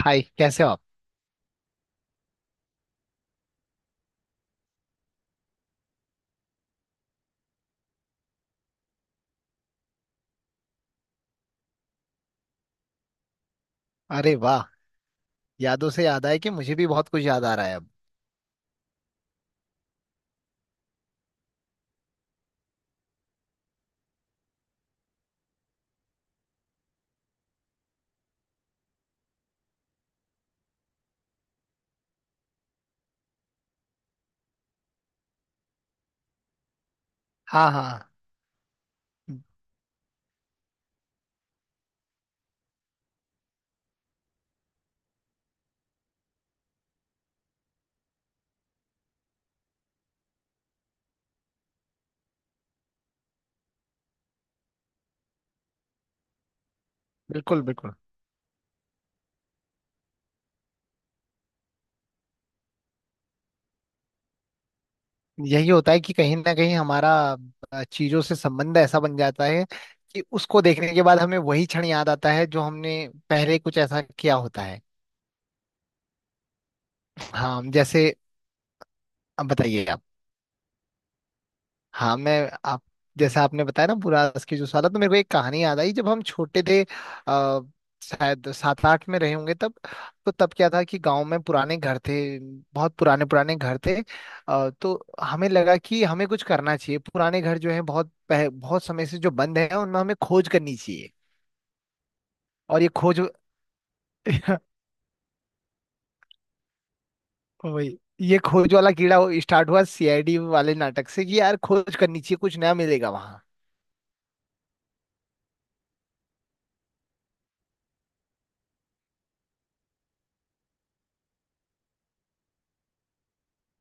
हाय, कैसे हो आप। अरे वाह। यादों से याद आया कि मुझे भी बहुत कुछ याद आ रहा है अब। हाँ हाँ। बिल्कुल बिल्कुल। यही होता है कि कहीं ना कहीं हमारा चीजों से संबंध ऐसा बन जाता है कि उसको देखने के बाद हमें वही क्षण याद आता है जो हमने पहले कुछ ऐसा किया होता है। हाँ, जैसे। अब बताइए आप। हाँ मैं। आप। जैसे आपने बताया ना बुरास की जो साला, तो मेरे को एक कहानी याद आई। जब हम छोटे थे शायद सात आठ में रहे होंगे तब। तो तब क्या था कि गांव में पुराने घर थे, बहुत पुराने पुराने घर थे। तो हमें लगा कि हमें कुछ करना चाहिए, पुराने घर जो है बहुत बहुत समय से जो बंद है, उनमें हमें खोज करनी चाहिए। और ये खोज वही, ये खोज वाला कीड़ा स्टार्ट हुआ सीआईडी वाले नाटक से कि यार खोज करनी चाहिए, कुछ नया मिलेगा वहां।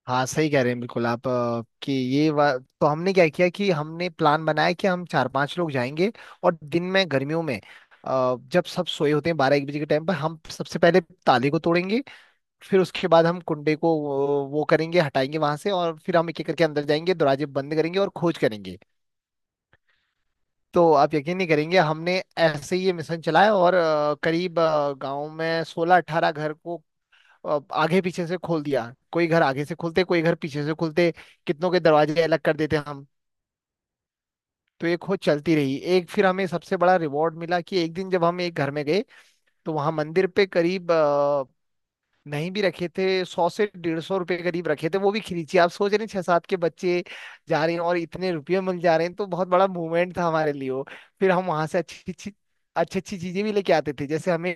हाँ, सही कह रहे हैं बिल्कुल आप। तो हमने क्या किया कि हमने प्लान बनाया कि हम चार पांच लोग जाएंगे, और दिन में गर्मियों में जब सब सोए होते हैं, बारह एक बजे के टाइम पर, हम सबसे पहले ताले को तोड़ेंगे। फिर उसके बाद हम कुंडे को वो करेंगे, हटाएंगे वहां से, और फिर हम एक एक करके अंदर जाएंगे, दरवाजे बंद करेंगे और खोज करेंगे। तो आप यकीन नहीं करेंगे, हमने ऐसे ही ये मिशन चलाया। और करीब गांव में सोलह अठारह घर को अब आगे पीछे से खोल दिया। कोई घर आगे से खुलते, कोई घर पीछे से खुलते, कितनों के दरवाजे अलग कर देते हम। तो ये खोज चलती रही। एक फिर हमें सबसे बड़ा रिवॉर्ड मिला कि एक दिन जब हम एक घर में गए, तो वहां मंदिर पे करीब नहीं भी रखे थे, 100 से 150 रुपए करीब रखे थे। वो भी खिलीची। आप सोच रहे हैं, छह सात के बच्चे जा रहे हैं और इतने रुपये मिल जा रहे हैं, तो बहुत बड़ा मूवमेंट था हमारे लिए वो। फिर हम वहां से अच्छी अच्छी चीजें भी लेके आते थे। जैसे हमें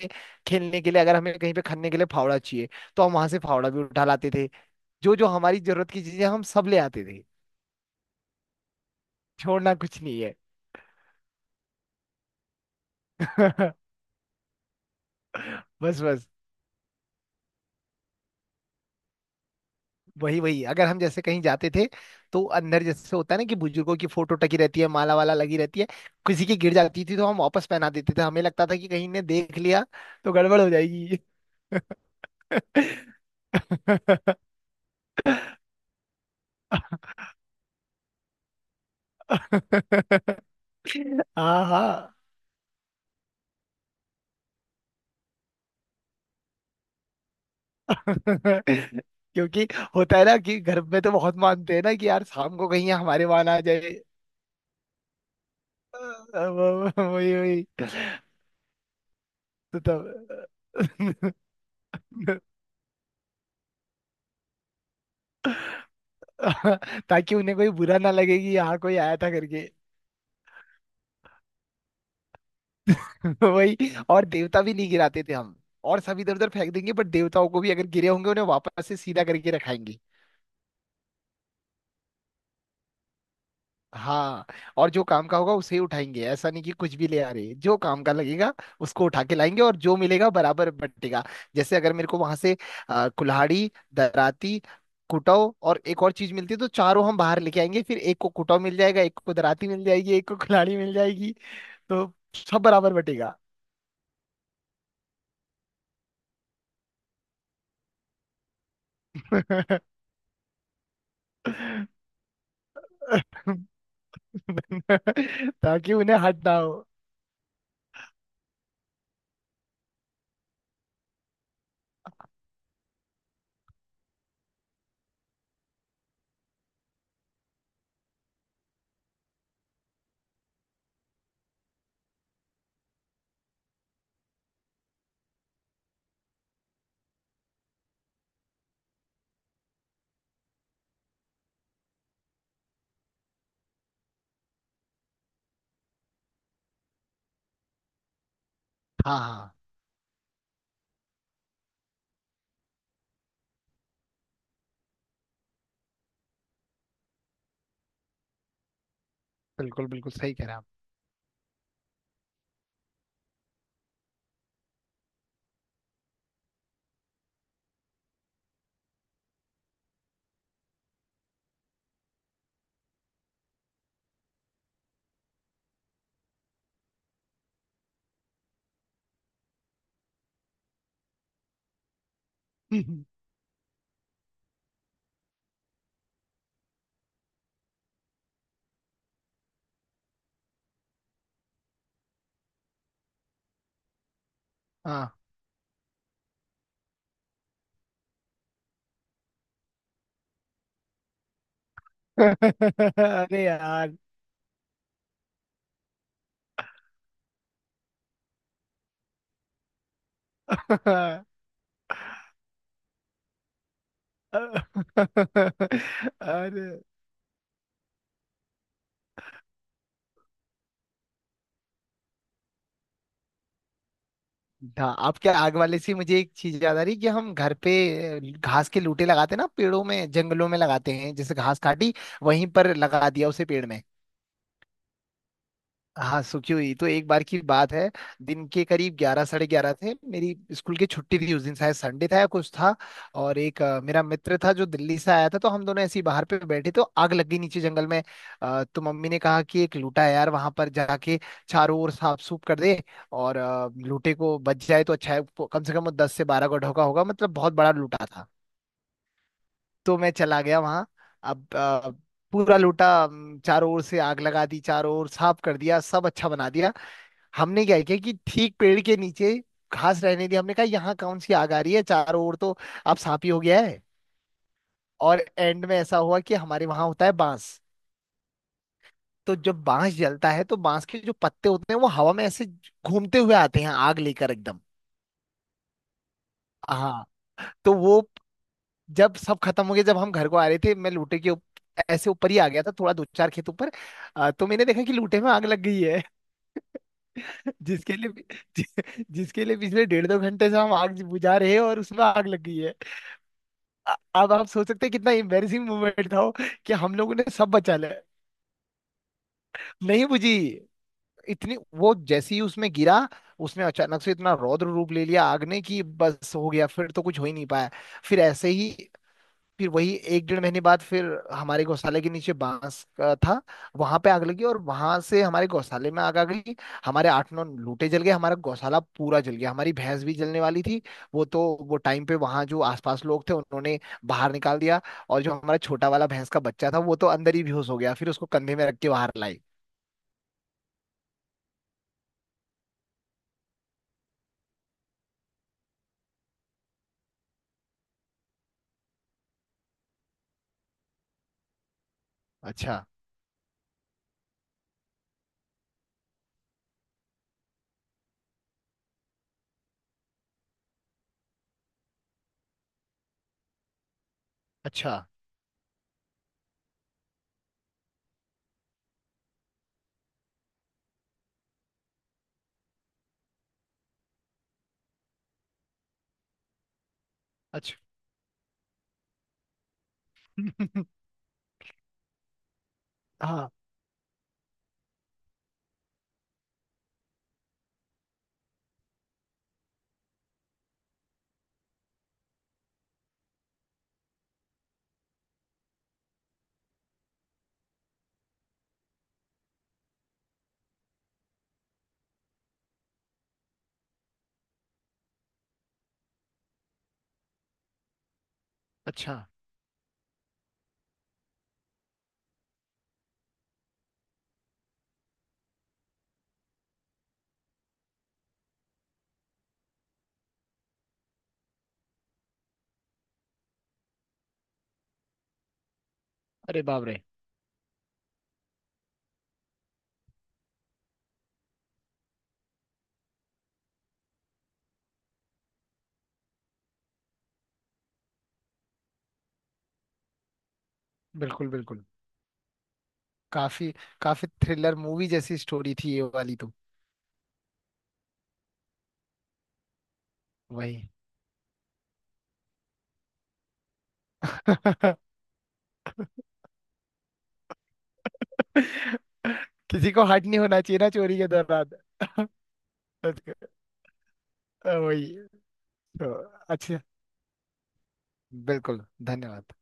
खेलने के लिए, अगर हमें कहीं पे खनने के लिए फावड़ा चाहिए, तो हम वहां से फावड़ा भी उठा लाते थे। जो जो हमारी जरूरत की चीजें, हम सब ले आते थे। छोड़ना कुछ नहीं है। बस बस। वही वही, अगर हम जैसे कहीं जाते थे तो अंदर जैसे होता है ना कि बुजुर्गों की फोटो टकी रहती है, माला वाला लगी रहती है, किसी की गिर जाती थी तो हम वापस पहना देते थे। हमें लगता था कि कहीं ने देख लिया तो गड़बड़ हो जाएगी। हाँ हाँ। क्योंकि होता है ना कि घर में तो बहुत मानते हैं ना कि यार शाम को कहीं हमारे वहां ना आ जाए। अब- वही वही। तो तब ताकि उन्हें कोई बुरा ना लगे कि यहाँ कोई आया था करके। वही। और देवता भी नहीं गिराते थे हम। और सब इधर उधर फेंक देंगे, बट देवताओं को भी अगर गिरे होंगे, उन्हें वापस से सीधा करके रखाएंगे। हाँ। और जो काम का होगा उसे ही उठाएंगे, ऐसा नहीं कि कुछ भी ले आ रहे। जो काम का लगेगा उसको उठा के लाएंगे, और जो मिलेगा बराबर बटेगा। जैसे अगर मेरे को वहां से कुल्हाड़ी, दराती, कुटाव और एक और चीज मिलती है, तो चारों हम बाहर लेके आएंगे, फिर एक को कुटाव मिल जाएगा, एक को दराती मिल जाएगी, एक को कुल्हाड़ी मिल जाएगी। तो सब बराबर बटेगा। ताकि उन्हें हट ना हो। हाँ हाँ, बिल्कुल बिल्कुल, सही कह रहे हैं आप। हाँ। अरे यार। अरे। हाँ, आपके आग वाले से मुझे एक चीज याद आ रही कि हम घर पे घास के लूटे लगाते हैं ना, पेड़ों में जंगलों में लगाते हैं। जैसे घास काटी वहीं पर लगा दिया, उसे पेड़ में। हाँ, सुखी हुई। तो एक बार की बात है, दिन के करीब ग्यारह साढ़े ग्यारह थे, मेरी स्कूल की छुट्टी थी उस दिन, शायद संडे था या कुछ था। और एक मेरा मित्र था जो दिल्ली से आया था, तो हम दोनों ऐसे ही बाहर पे बैठे। तो आग लग गई नीचे जंगल में। तो मम्मी ने कहा कि एक लूटा है यार वहां पर, जाके चारों ओर साफ सूफ कर दे, और लूटे को बच जाए तो अच्छा है। वो कम से कम वो 10 से 12 गड्ढों का ढोका होगा, मतलब बहुत बड़ा लूटा था। तो मैं चला गया वहां। अब अ, पूरा लूटा, चारों ओर से आग लगा दी, चारों ओर साफ कर दिया, सब अच्छा बना दिया। हमने क्या किया कि ठीक पेड़ के नीचे घास रहने दी। हमने कहा यहाँ कौन सी आग आ रही है, चारों ओर तो अब सांप ही हो गया है। और एंड में ऐसा हुआ कि हमारे वहां होता है बांस, तो जब बांस जलता है तो बांस के जो पत्ते होते हैं वो हवा में ऐसे घूमते हुए आते हैं आग लेकर एकदम। हाँ। तो वो, जब सब खत्म हो गया, जब हम घर को आ रहे थे, मैं लूटे के ऐसे ऊपर ही आ गया था, थोड़ा दो चार खेत ऊपर। तो मैंने देखा कि लूटे में आग लग गई है। जिसके लिए, जि, जिसके लिए पिछले डेढ़ दो घंटे से हम आग बुझा रहे हैं, और उसमें आग लग गई है। अब आप सोच सकते हैं कितना एम्बेरसिंग मोमेंट था वो, कि हम लोगों ने सब बचा लिया। नहीं बुझी। इतनी वो, जैसे ही उसमें गिरा, उसने अचानक से इतना रौद्र रूप ले लिया आग ने कि बस हो गया, फिर तो कुछ हो ही नहीं पाया। फिर ऐसे ही, फिर वही एक डेढ़ महीने बाद, फिर हमारे गौशाले के नीचे बांस का था। वहां पे आग लगी और वहां से हमारे गौशाले में आग आ गई। हमारे आठ नौ लूटे जल गए, हमारा गौशाला पूरा जल गया, हमारी भैंस भी जलने वाली थी। वो तो, वो टाइम पे वहां जो आसपास लोग थे, उन्होंने बाहर निकाल दिया। और जो हमारा छोटा वाला भैंस का बच्चा था, वो तो अंदर ही बेहोश हो गया, फिर उसको कंधे में रख के बाहर लाई। अच्छा अच्छा अच्छा। हाँ, अच्छा। अरे बाप रे। बिल्कुल बिल्कुल। काफी, काफी थ्रिलर मूवी जैसी स्टोरी थी ये वाली तो। वही किसी को हर्ट नहीं होना चाहिए ना, चोरी के दौरान। वही। तो, अच्छा, बिल्कुल, धन्यवाद।